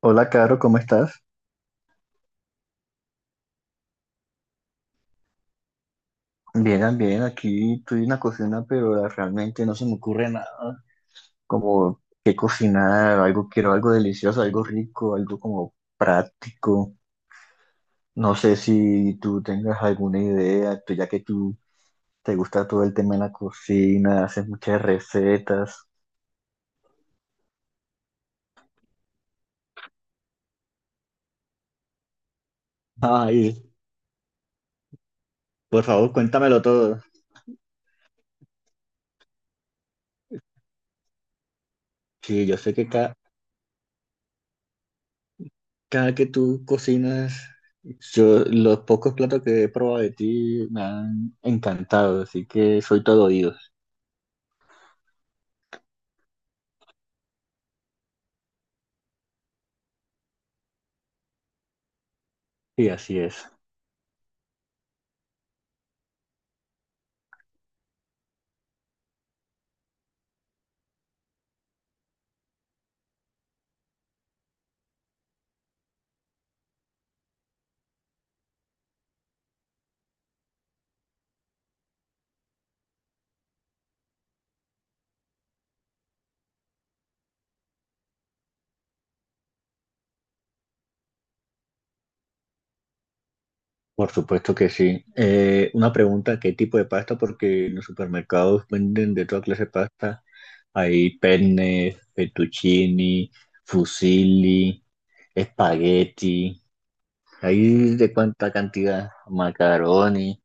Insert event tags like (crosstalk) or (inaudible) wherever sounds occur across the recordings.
Hola, Caro, ¿cómo estás? Bien, bien, aquí estoy en la cocina, pero realmente no se me ocurre nada. Como qué cocinar, algo quiero, algo delicioso, algo rico, algo como práctico. No sé si tú tengas alguna idea, ya que tú te gusta todo el tema de la cocina, haces muchas recetas. Ay, por favor, cuéntamelo todo. Sí, yo sé que cada que tú cocinas, yo los pocos platos que he probado de ti me han encantado, así que soy todo oídos. Sí, así es. Por supuesto que sí. Una pregunta, ¿qué tipo de pasta? Porque en los supermercados venden de toda clase de pasta. Hay penne, fettuccini, fusilli, espagueti, hay de cuánta cantidad, macaroni.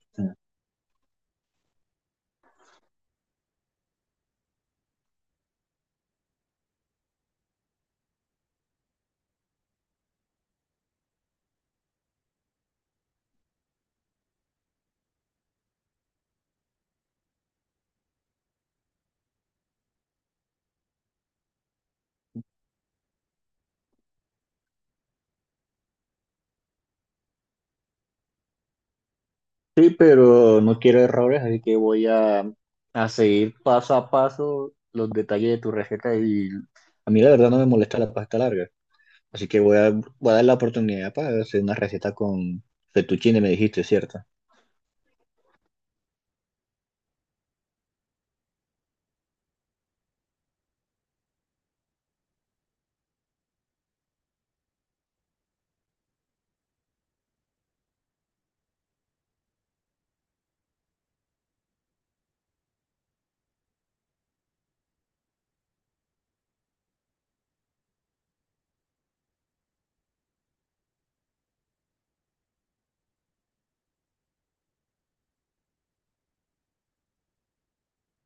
Sí, pero no quiero errores, así que a seguir paso a paso los detalles de tu receta y a mí la verdad no me molesta la pasta larga, así que voy a dar la oportunidad para hacer una receta con fettuccine, me dijiste, ¿cierto?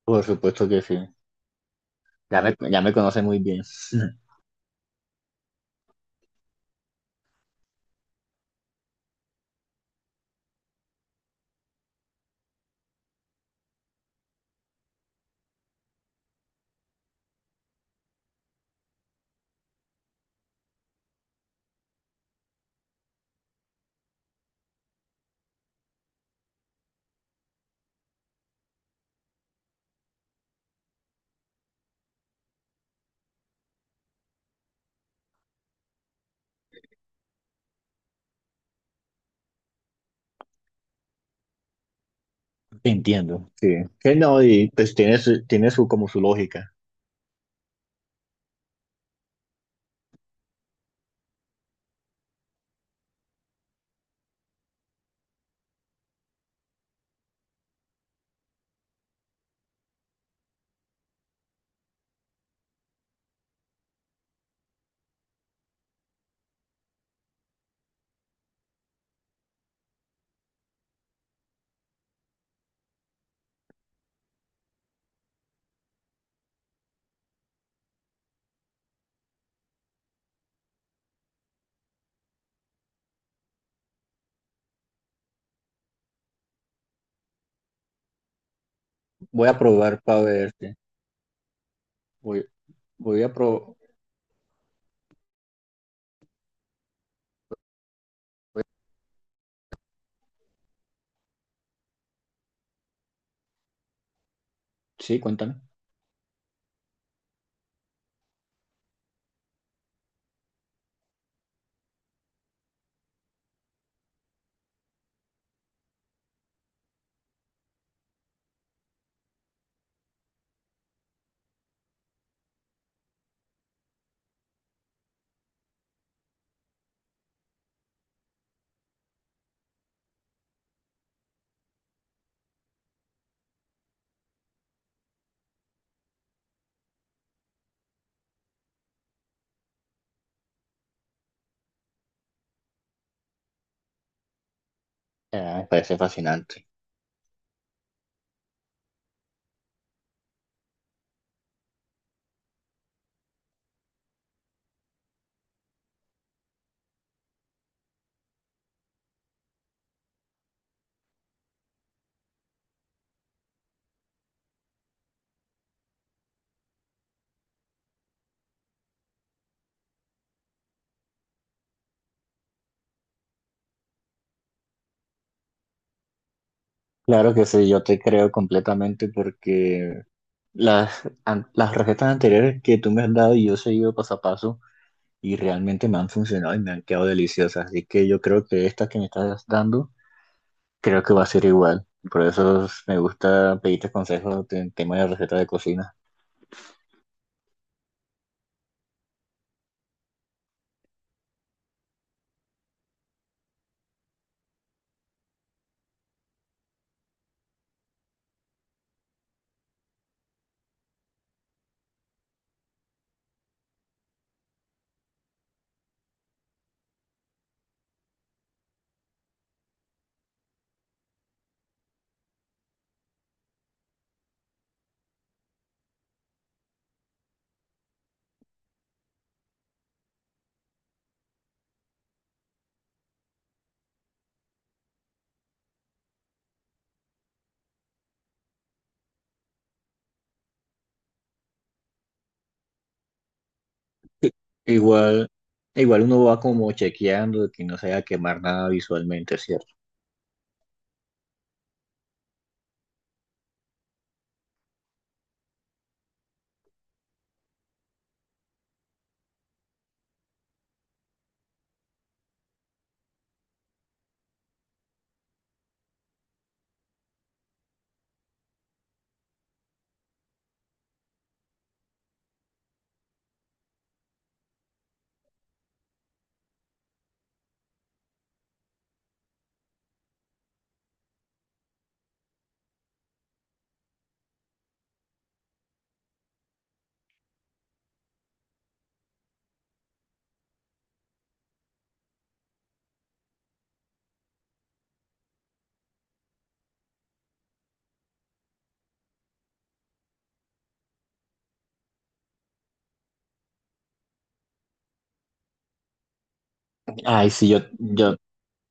Por supuesto que sí, ya me conoces muy bien. (laughs) Entiendo, sí. Que no, y pues tiene su, como su lógica. Voy a probar para verte. Voy, voy a probar, sí, cuéntame. Ah, me parece fascinante. Claro que sí, yo te creo completamente porque las recetas anteriores que tú me has dado y yo he seguido paso a paso y realmente me han funcionado y me han quedado deliciosas. Así que yo creo que esta que me estás dando, creo que va a ser igual. Por eso me gusta pedirte consejos en tema de recetas de cocina. Igual, igual uno va como chequeando de que no se vaya a quemar nada visualmente, ¿cierto? Ay, sí, yo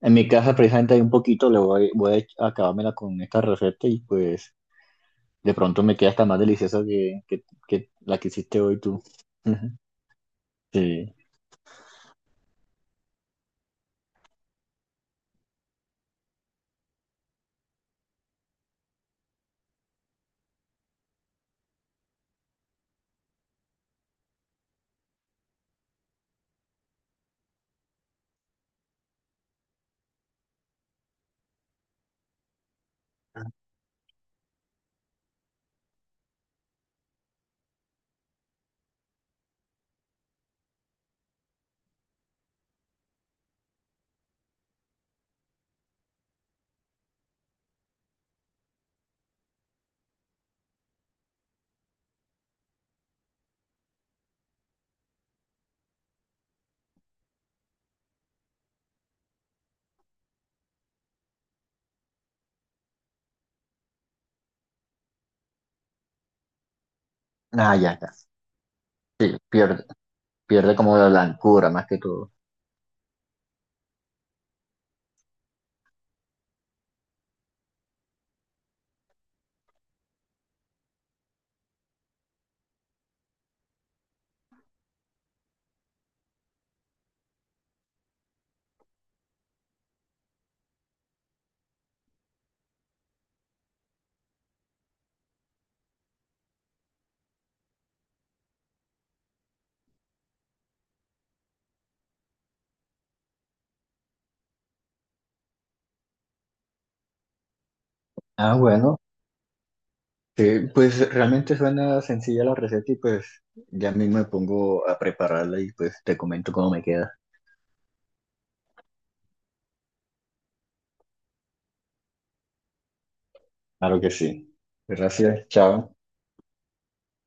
en mi casa precisamente hay un poquito, voy a acabármela con esta receta y pues... De pronto me queda hasta más deliciosa que la que hiciste hoy tú. Ujú. Sí. Ah, ya, ya. Pierde, pierde como la blancura más que todo. Ah, bueno. Sí, pues realmente suena sencilla la receta y pues ya mismo me pongo a prepararla y pues te comento cómo me queda. Claro que sí. Gracias, chao.